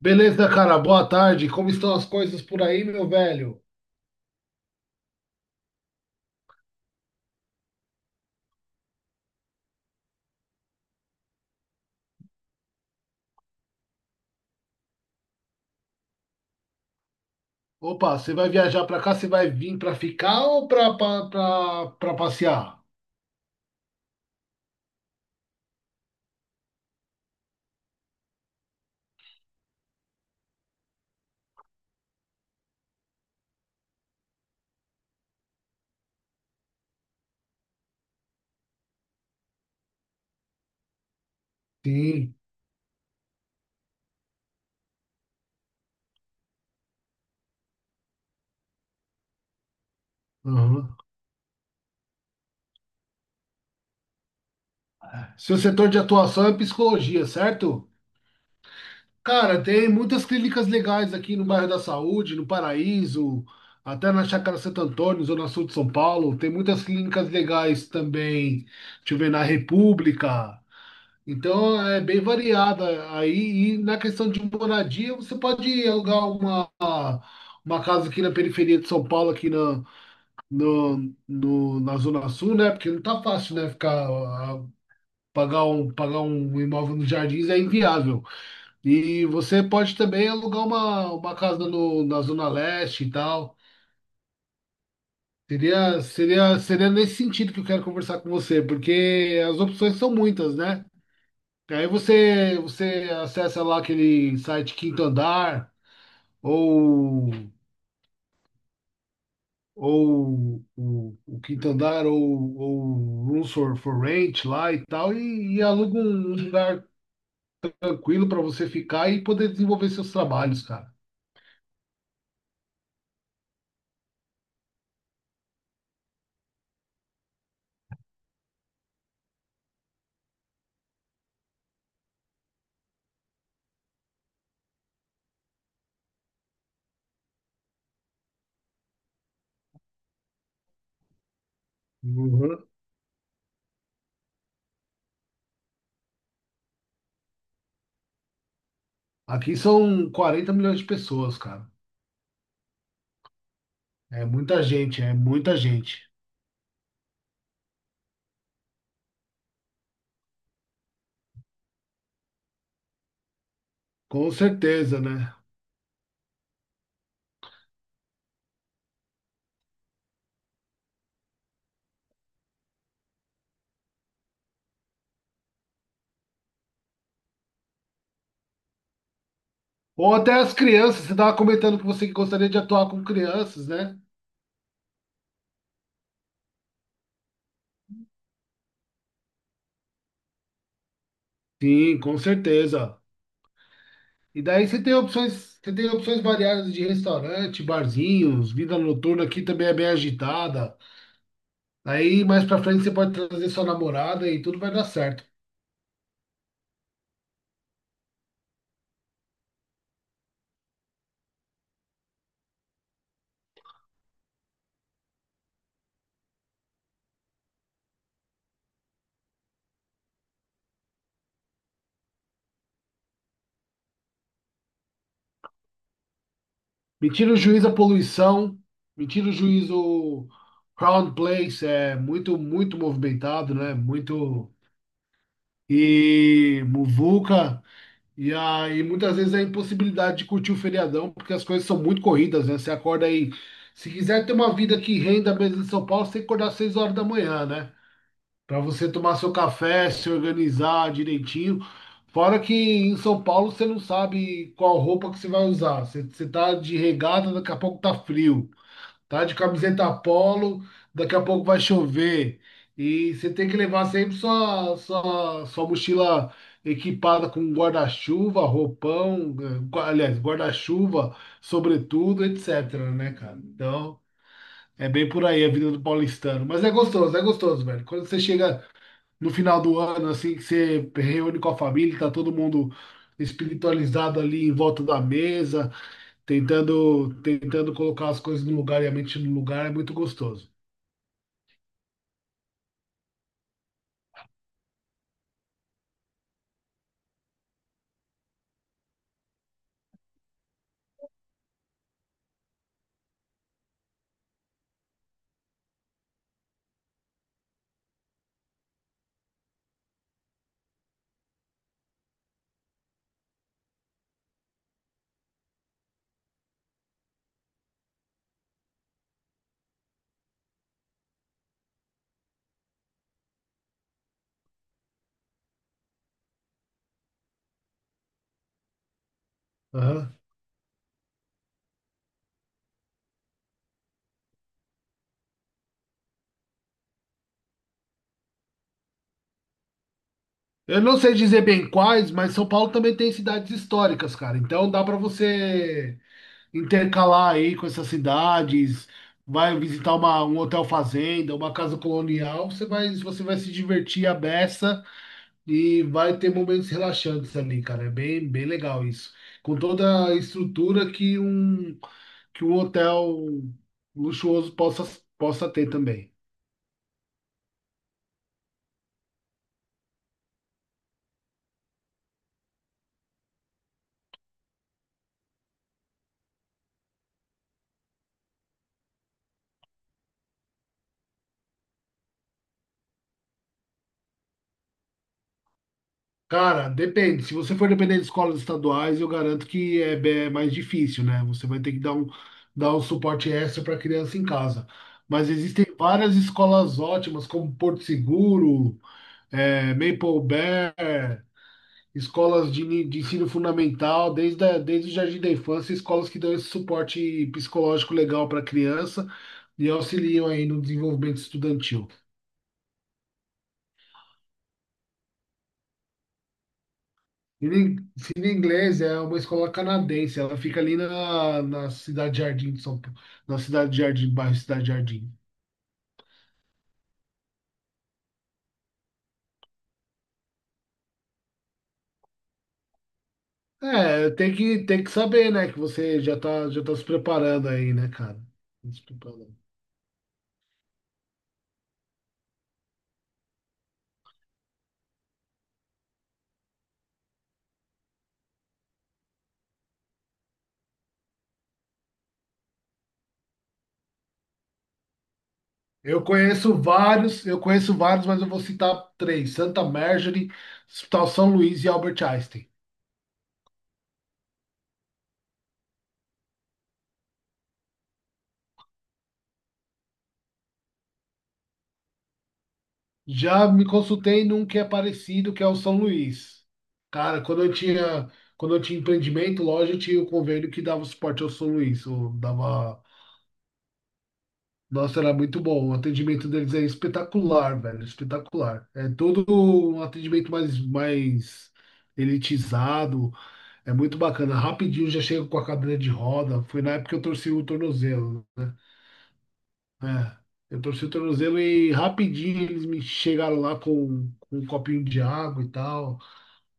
Beleza, cara, boa tarde. Como estão as coisas por aí, meu velho? Opa, você vai viajar pra cá? Você vai vir pra ficar ou pra passear? Sim. Uhum. Seu setor de atuação é psicologia, certo? Cara, tem muitas clínicas legais aqui no bairro da Saúde, no Paraíso, até na Chácara Santo Antônio, Zona Sul de São Paulo. Tem muitas clínicas legais também. Deixa eu ver, na República. Então é bem variada aí. E na questão de moradia, você pode alugar uma casa aqui na periferia de São Paulo, aqui na, na Zona Sul, né? Porque não tá fácil, né? Ficar, ah, pagar um imóvel nos Jardins é inviável. E você pode também alugar uma casa no, na Zona Leste e tal. Seria nesse sentido que eu quero conversar com você, porque as opções são muitas, né? Aí você acessa lá aquele site Quinto Andar, ou, ou o Quinto Andar, ou Rooms for Rent lá e tal, e aluga um lugar tranquilo para você ficar e poder desenvolver seus trabalhos, cara. Uhum. Aqui são quarenta milhões de pessoas, cara. É muita gente, é muita gente. Com certeza, né? Ou até as crianças, você estava comentando que você gostaria de atuar com crianças, né? Sim, com certeza. E daí você tem opções variadas de restaurante, barzinhos, vida noturna aqui também é bem agitada. Aí mais pra frente você pode trazer sua namorada e tudo vai dar certo. Me tira o juízo a poluição, me tira o juízo Crown Place, é muito, muito movimentado, né? Muito e muvuca. E aí muitas vezes a impossibilidade de curtir o feriadão, porque as coisas são muito corridas, né? Você acorda aí se quiser ter uma vida que renda mesmo em São Paulo, você tem que acordar às 6 horas da manhã, né? Para você tomar seu café, se organizar direitinho. Fora que em São Paulo você não sabe qual roupa que você vai usar. Você tá de regata, daqui a pouco tá frio. Tá de camiseta polo, daqui a pouco vai chover. E você tem que levar sempre sua mochila equipada com guarda-chuva, roupão, aliás, guarda-chuva, sobretudo, etc, né, cara? Então, é bem por aí a vida do paulistano. Mas é gostoso, velho. Quando você chega no final do ano, assim, que você reúne com a família, tá todo mundo espiritualizado ali em volta da mesa, tentando colocar as coisas no lugar e a mente no lugar, é muito gostoso. Aham. Eu não sei dizer bem quais, mas São Paulo também tem cidades históricas, cara. Então dá para você intercalar aí com essas cidades, vai visitar uma, um hotel fazenda, uma casa colonial, você vai se divertir à beça. E vai ter momentos relaxantes ali, cara. É bem, bem legal isso. Com toda a estrutura que um hotel luxuoso possa ter também. Cara, depende. Se você for depender de escolas estaduais, eu garanto que mais difícil, né? Você vai ter que dar um suporte extra para a criança em casa. Mas existem várias escolas ótimas, como Porto Seguro, Maple Bear, escolas de ensino fundamental, desde o jardim da infância, escolas que dão esse suporte psicológico legal para a criança e auxiliam aí no desenvolvimento estudantil. Cine Inglês é uma escola canadense, ela fica ali na, na Cidade Jardim de São Paulo, na Cidade Jardim, bairro Cidade Jardim. É, tem que saber, né, que você já tá se preparando aí, né, cara? Tá se preparando. Eu conheço vários, mas eu vou citar três: Santa Marjorie, Hospital São Luís e Albert Einstein. Já me consultei num que é parecido, que é o São Luís. Cara, quando eu tinha empreendimento, loja, eu tinha o convênio que dava suporte ao São Luís. Eu dava, nossa, era muito bom. O atendimento deles é espetacular, velho, espetacular. É todo um atendimento mais, mais elitizado. É muito bacana. Rapidinho já chego com a cadeira de roda. Foi na época que eu torci o tornozelo, né? É, eu torci o tornozelo e rapidinho eles me chegaram lá com um copinho de água e tal.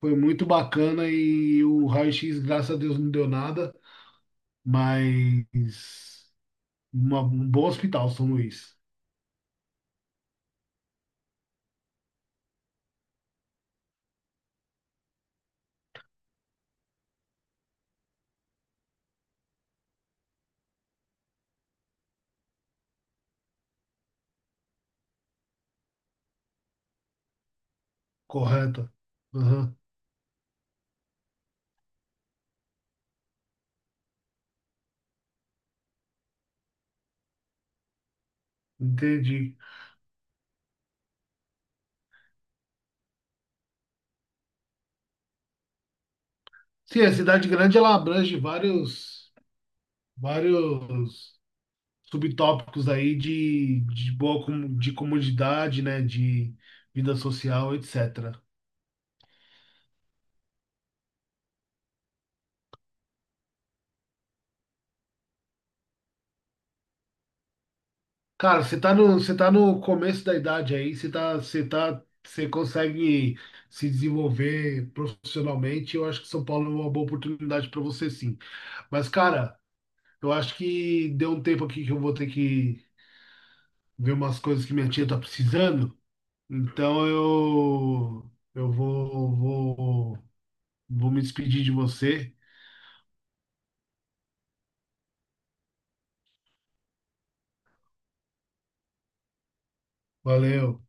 Foi muito bacana e o raio-x, graças a Deus, não deu nada. Mas um bom hospital, São Luís. Correto. Aham, entendi. Sim, a cidade grande ela abrange vários subtópicos aí de de comodidade, né? De vida social, etc. Cara, você tá no começo da idade aí, você consegue se desenvolver profissionalmente. Eu acho que São Paulo é uma boa oportunidade para você, sim. Mas, cara, eu acho que deu um tempo aqui que eu vou ter que ver umas coisas que minha tia tá precisando. Então vou me despedir de você. Valeu.